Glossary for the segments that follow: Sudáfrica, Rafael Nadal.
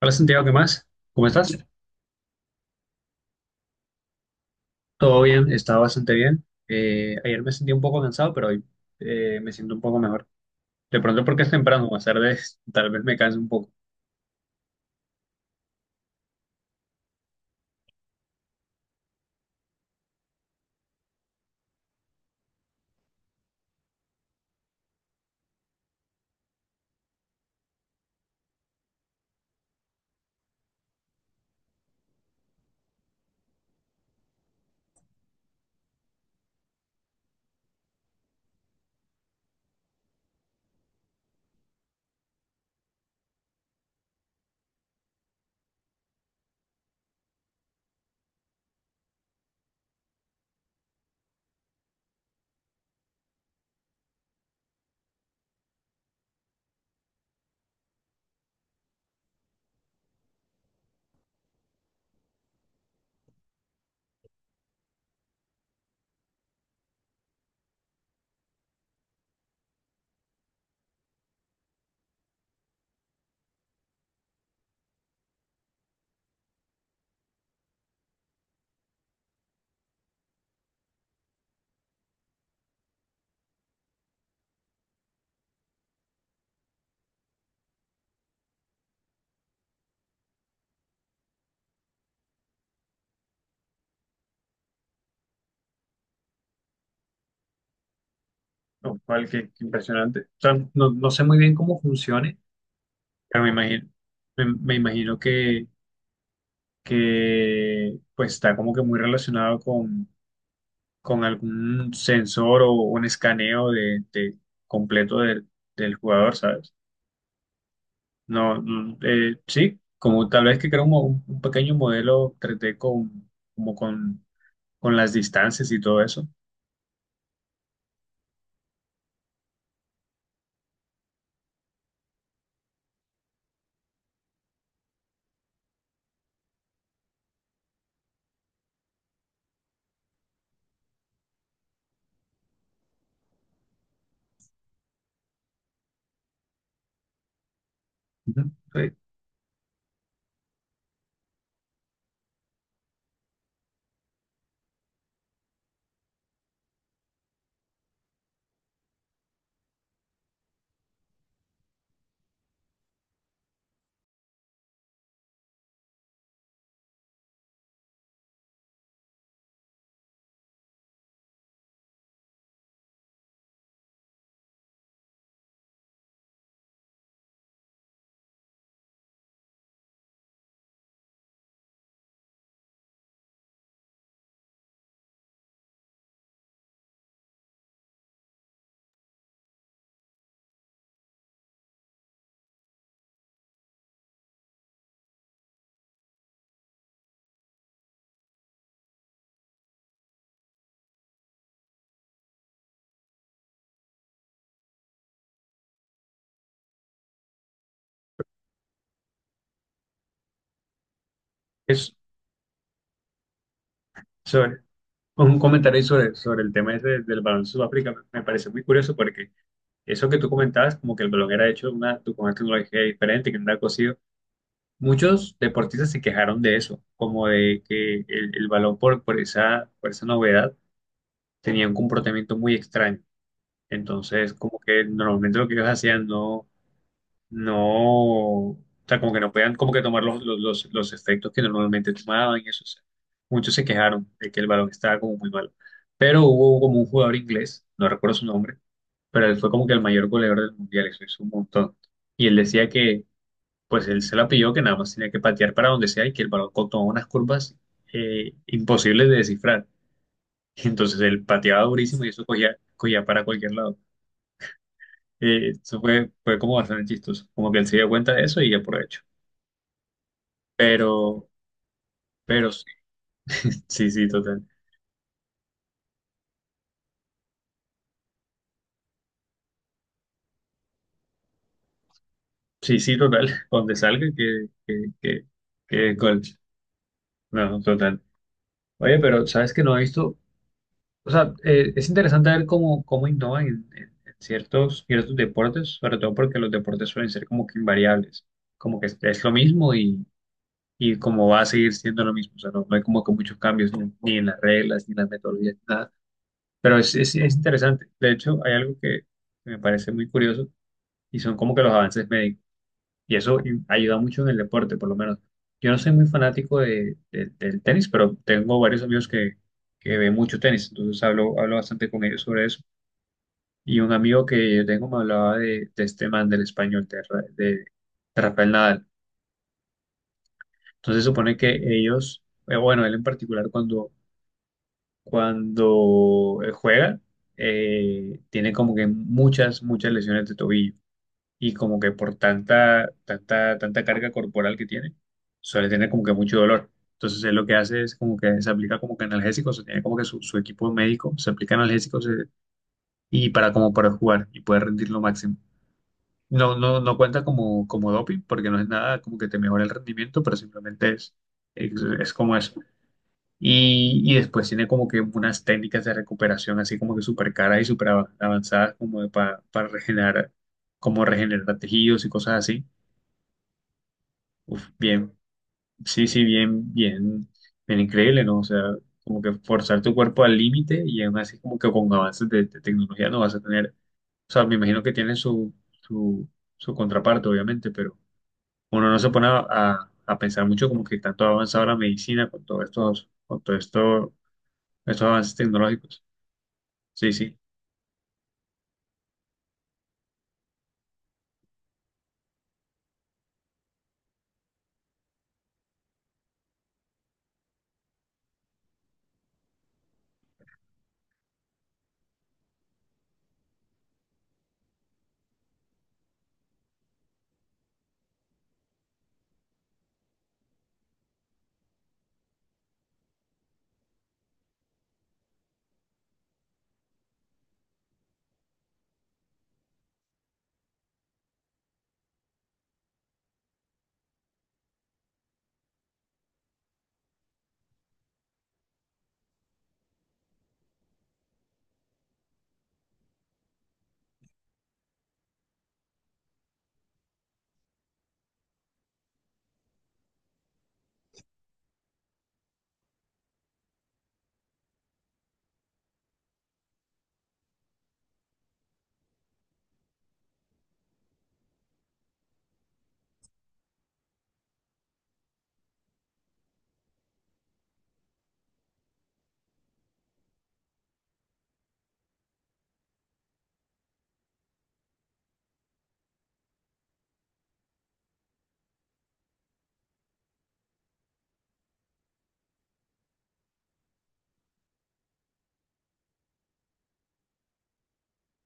Hola Santiago, ¿qué más? ¿Cómo estás? Todo bien, está bastante bien. Ayer me sentí un poco cansado, pero hoy me siento un poco mejor. De pronto porque es temprano, más tarde tal vez me canse un poco. Lo cual, qué, qué impresionante. O sea, no, no sé muy bien cómo funcione, pero me imagino que pues está como que muy relacionado con algún sensor o un escaneo de completo del jugador, ¿sabes? No, sí, como tal vez que crea un, un pequeño modelo tres d con, como con las distancias y todo eso. Ujú. Sí, es sobre, un comentario sobre, sobre el tema ese del balón de Sudáfrica me parece muy curioso porque eso que tú comentabas, como que el balón era hecho de una, con una tecnología diferente, que no era cosido, muchos deportistas se quejaron de eso, como de que el balón por esa novedad tenía un comportamiento muy extraño. Entonces, como que normalmente lo que ellos hacían no. No, o sea, como que no podían como que tomar los efectos que normalmente tomaban y eso. O sea, muchos se quejaron de que el balón estaba como muy malo. Pero hubo como un jugador inglés, no recuerdo su nombre, pero él fue como que el mayor goleador del mundial, eso hizo un montón. Y él decía que, pues él se la pilló, que nada más tenía que patear para donde sea y que el balón tomaba unas curvas imposibles de descifrar. Entonces él pateaba durísimo y eso cogía, cogía para cualquier lado. Eso fue, fue como bastante chistoso, como que él se dio cuenta de eso y aprovechó. Pero, pero sí, sí, sí, total. Sí, sí, total. Donde salga, que gol. No, no, total. Oye, pero sabes que no he visto. O sea, es interesante ver cómo, cómo innovan en, en ciertos, ciertos deportes, sobre todo porque los deportes suelen ser como que invariables. Como que es lo mismo y como va a seguir siendo lo mismo. O sea, no, no hay como que muchos cambios ni, ni en las reglas, ni en las metodologías, nada. Pero es interesante. De hecho, hay algo que me parece muy curioso y son como que los avances médicos. Y eso ayuda mucho en el deporte, por lo menos. Yo no soy muy fanático de, del tenis, pero tengo varios amigos que ven mucho tenis, entonces hablo, hablo bastante con ellos sobre eso. Y un amigo que yo tengo me hablaba de este man del español, de, de Rafael Nadal. Entonces supone que ellos, bueno, él en particular cuando, cuando juega, tiene como que muchas, muchas lesiones de tobillo. Y como que por tanta, tanta, tanta carga corporal que tiene, suele tener como que mucho dolor. Entonces él lo que hace es como que se aplica como que analgésicos, o sea, tiene como que su equipo médico, se aplica analgésicos y para como para jugar y poder rendir lo máximo. No, no, no cuenta como, como doping porque no es nada como que te mejora el rendimiento, pero simplemente es, es como eso. Y después tiene como que unas técnicas de recuperación así como que súper caras y súper avanzadas como de para regenerar, como regenerar tejidos y cosas así. Uf, bien, sí, sí, bien, bien, bien increíble, ¿no? O sea, como que forzar tu cuerpo al límite y aún así como que con avances de tecnología no vas a tener, o sea, me imagino que tiene su, su, su contraparte, obviamente, pero uno no se pone a, a pensar mucho como que tanto ha avanzado la medicina con todos estos, con todo esto, estos avances tecnológicos. Sí, sí,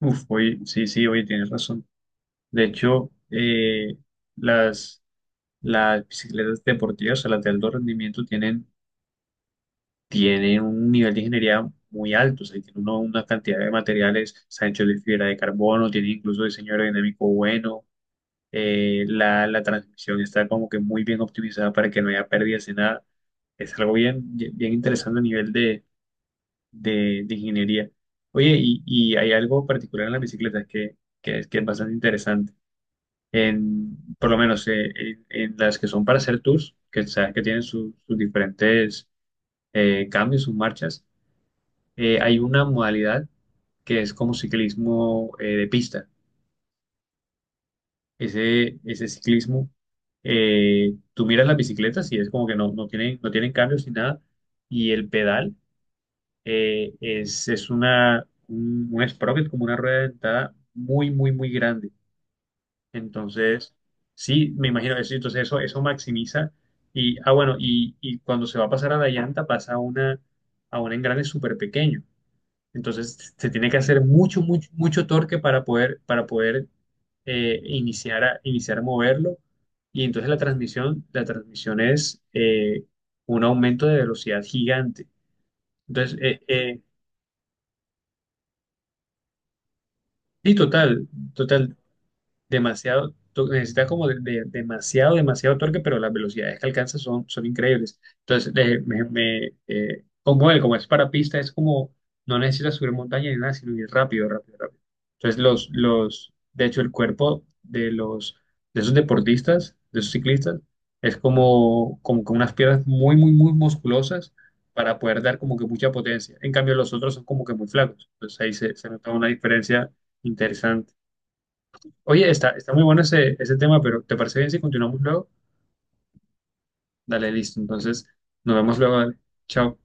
uf, oye, sí, sí, oye, tienes razón. De hecho, las, las bicicletas deportivas, o sea, las de alto rendimiento tiene un nivel de ingeniería muy alto, o sea, tiene una cantidad de materiales, está hecho de fibra de carbono, tiene incluso diseño aerodinámico bueno, la, la transmisión está como que muy bien optimizada para que no haya pérdidas de nada. Es algo bien, bien interesante a nivel de ingeniería. Oye, y hay algo particular en las bicicletas que es bastante interesante. En, por lo menos en las que son para hacer tours, que sabes que tienen sus diferentes cambios, sus marchas hay una modalidad que es como ciclismo de pista. Ese ciclismo, tú miras las bicicletas y es como que no, no tienen, no tienen cambios ni nada. Y el pedal es una, un sprocket, como una rueda dentada muy, muy, muy grande. Entonces, sí, me imagino eso. Entonces, eso maximiza. Y, ah, bueno, y cuando se va a pasar a la llanta, pasa a, una, a un engrane súper pequeño. Entonces se tiene que hacer mucho, mucho, mucho torque para poder iniciar a, iniciar a moverlo. Y entonces la transmisión es un aumento de velocidad gigante. Entonces, sí, total, total. Demasiado, necesita como de, demasiado, demasiado torque, pero las velocidades que alcanza son, son increíbles. Entonces, como él, como es para pista, es como, no necesita subir montaña ni nada, sino ir rápido, rápido, rápido. Entonces, los, de hecho, el cuerpo de los, de esos deportistas, de esos ciclistas, es como, como con unas piernas muy, muy, muy musculosas para poder dar como que mucha potencia. En cambio, los otros son como que muy flacos. Entonces, ahí se, se nota una diferencia interesante. Oye, está, está muy bueno ese tema, pero ¿te parece bien si continuamos luego? Dale, listo. Entonces, nos vemos luego. Dale. Chao.